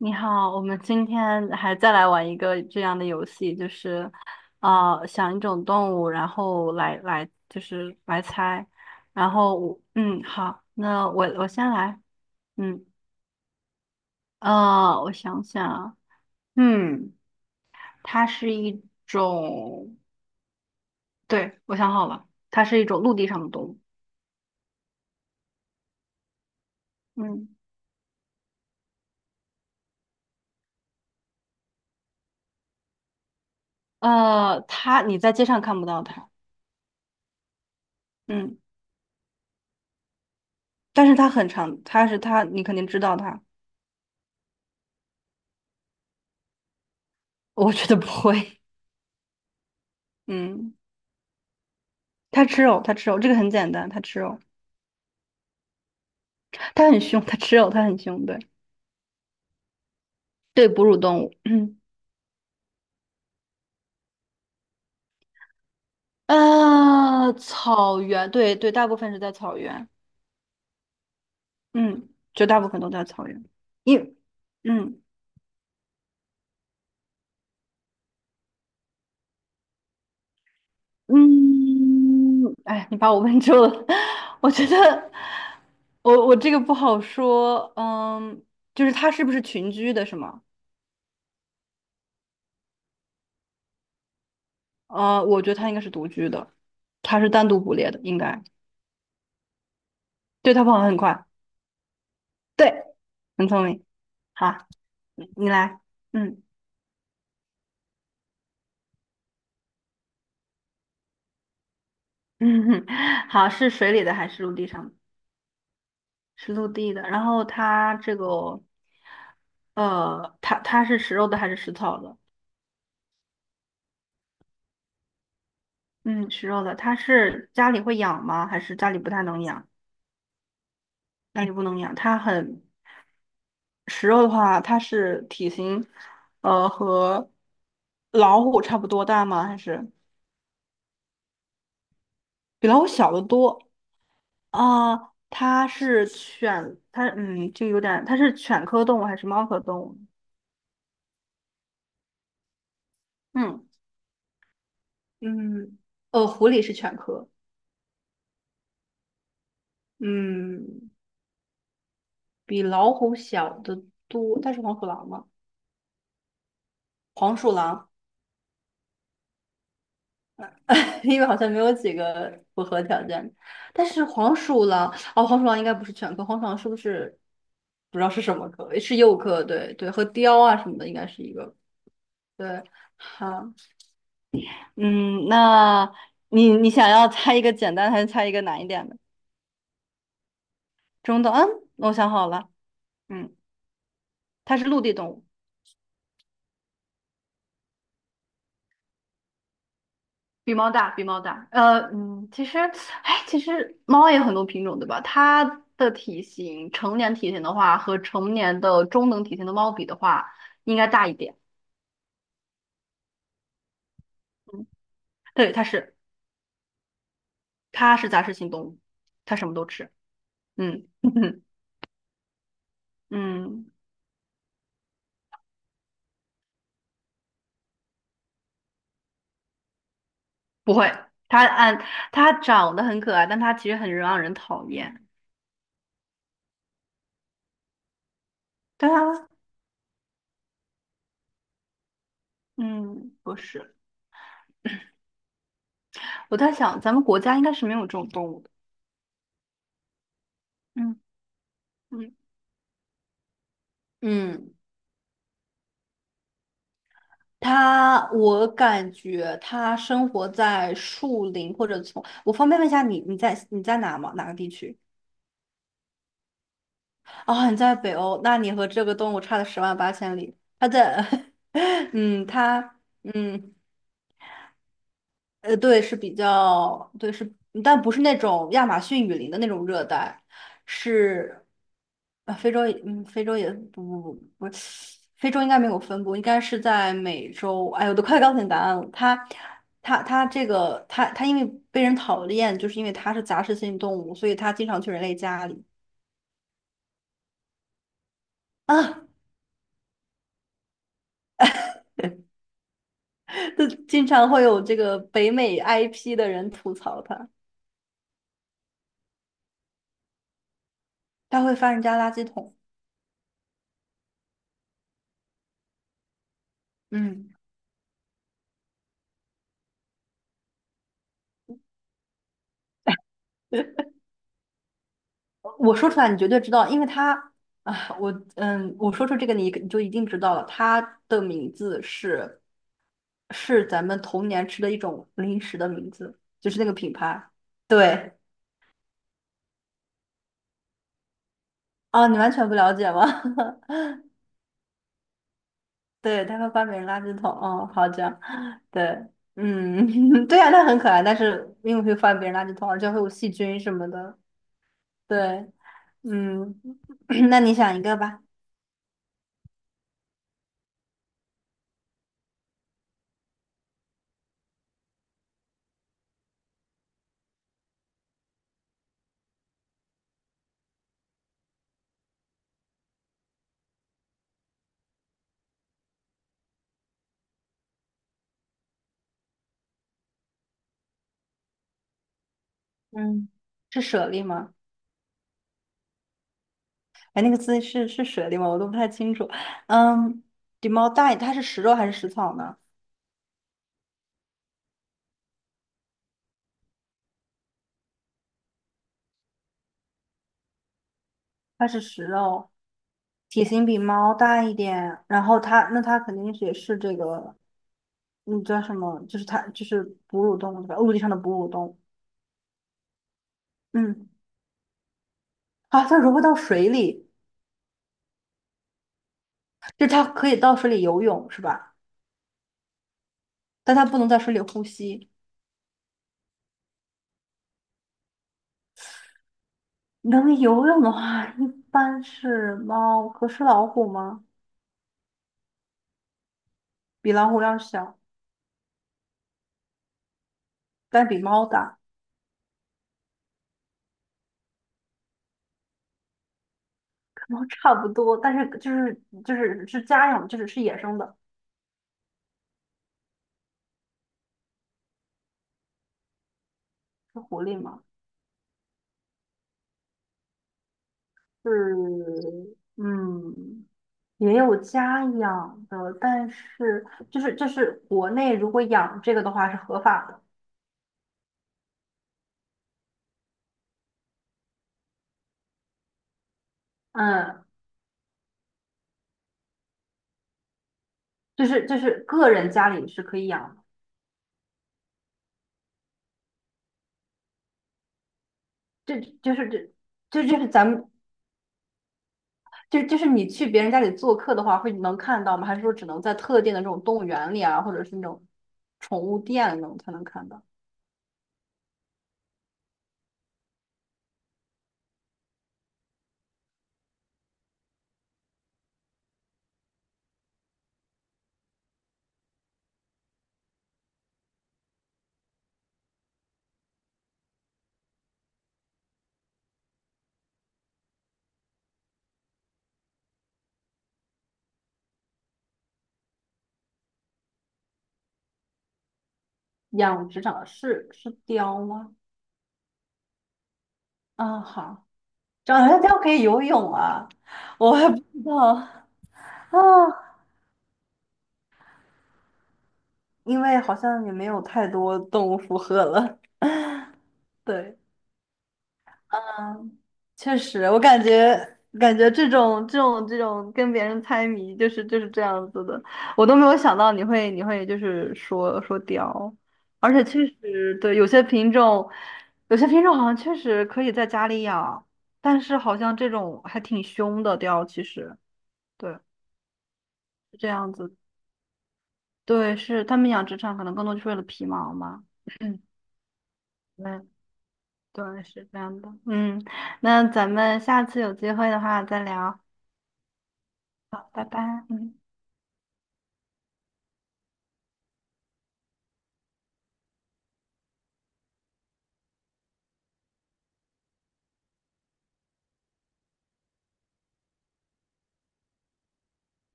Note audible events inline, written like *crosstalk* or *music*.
你好，我们今天还再来玩一个这样的游戏，就是，啊，想一种动物，然后来就是来猜，然后我好，那我先来，嗯我想想啊，嗯，它是一种，对，我想好了，它是一种陆地上的动物，嗯它你在街上看不到它，嗯，但是它很长，它是它，你肯定知道它，我觉得不会，嗯。它吃肉，它吃肉，这个很简单，它吃肉，它很凶，它吃肉，它很凶，对对，哺乳动物，嗯，草原，对对，大部分是在草原，嗯，绝大部分都在草原，因，嗯嗯，哎，你把我问住了，*laughs* 我觉得我这个不好说，嗯，就是它是不是群居的，是吗？我觉得它应该是独居的，它是单独捕猎的，应该，对，它跑得很快，对，很聪明。好。你来，嗯嗯，*laughs* 好，是水里的还是陆地上的？是陆地的。然后它这个，它是食肉的还是食草的？嗯，食肉的。它是家里会养吗？还是家里不太能养？家里不能养。它很食肉的话，它是体型，和老虎差不多大吗？还是比老虎小得多？啊、它是犬，它就有点，它是犬科动物还是猫科动物？嗯。嗯，狐狸是犬科，嗯，比老虎小的多，但是黄鼠狼嘛，黄鼠狼，*laughs* 因为好像没有几个符合条件但是黄鼠狼，哦，黄鼠狼应该不是犬科，黄鼠狼是不是不知道是什么科？是鼬科，对对，和雕啊什么的应该是一个，对，好，嗯，那你想要猜一个简单还是猜一个难一点的？中等，我想好了，嗯，它是陆地动物。比猫大，比猫大。哎，其实猫也有很多品种，对吧？它的体型，成年体型的话，和成年的中等体型的猫比的话，应该大一点。嗯，对，它是杂食性动物，它什么都吃。嗯 *laughs* 嗯，不会，它按它长得很可爱，但它其实很让人讨厌。对啊，嗯，不是。我在想，咱们国家应该是没有这种动物的。嗯嗯嗯。我感觉他生活在树林或者丛。我方便问一下你，你在哪吗？哪个地区？哦，你在北欧，那你和这个动物差了十万八千里。他在，*laughs* 嗯，他，嗯。对，是比较，对，是，但不是那种亚马逊雨林的那种热带，是，啊，非洲也不不不不，非洲应该没有分布，应该是在美洲。哎，我都快告诉你答案了，它，它这个，它因为被人讨厌，就是因为它是杂食性动物，所以它经常去人类家里啊，*laughs* 就经常会有这个北美 IP 的人吐槽它，它会翻人家垃圾桶。嗯。我说出来你绝对知道，因为他啊，我我说出这个你就一定知道了，它的名字是咱们童年吃的一种零食的名字，就是那个品牌。对，啊，你完全不了解吗？*laughs* 对，他会翻别人垃圾桶。哦，好这样，对，嗯，*laughs* 对呀，它很可爱，但是因为会翻别人垃圾桶，而且会有细菌什么的。对，嗯，*clears throat* 那你想一个吧。嗯，是舍利吗？哎，那个字是水里吗？我都不太清楚。嗯，比猫大一它是食肉还是食草呢？它是食肉，体型比猫大一点，然后它那它肯定是也是这个，嗯，叫什么？就是它就是哺乳动物对吧？陆地上的哺乳动物。嗯，啊，它融会到水里，就是它可以到水里游泳是吧？但它不能在水里呼吸。能游泳的话，一般是猫，可是老虎吗？比老虎要小，但比猫大。然后差不多，但是就是是家养，就是是野生的，是狐狸吗？是，嗯，也有家养的，但是就是国内如果养这个的话是合法的，嗯，就是个人家里是可以养的，这就是这就是咱们就是你去别人家里做客的话会能看到吗？还是说只能在特定的这种动物园里啊，或者是那种宠物店那种才能看到？养殖场是雕吗？啊，好，长辣椒可以游泳啊，我还不知道啊，因为好像也没有太多动物符合了。*laughs* 对，嗯，确实，我感觉这种跟别人猜谜，就是这样子的，我都没有想到你会就是说说雕，而且确实对有些品种，好像确实可以在家里养，但是好像这种还挺凶的雕，其实对，是这样子。对，是他们养殖场可能更多就是为了皮毛嘛。*clears throat* 嗯，嗯，对，是这样的。嗯，那咱们下次有机会的话再聊。好，拜拜。嗯。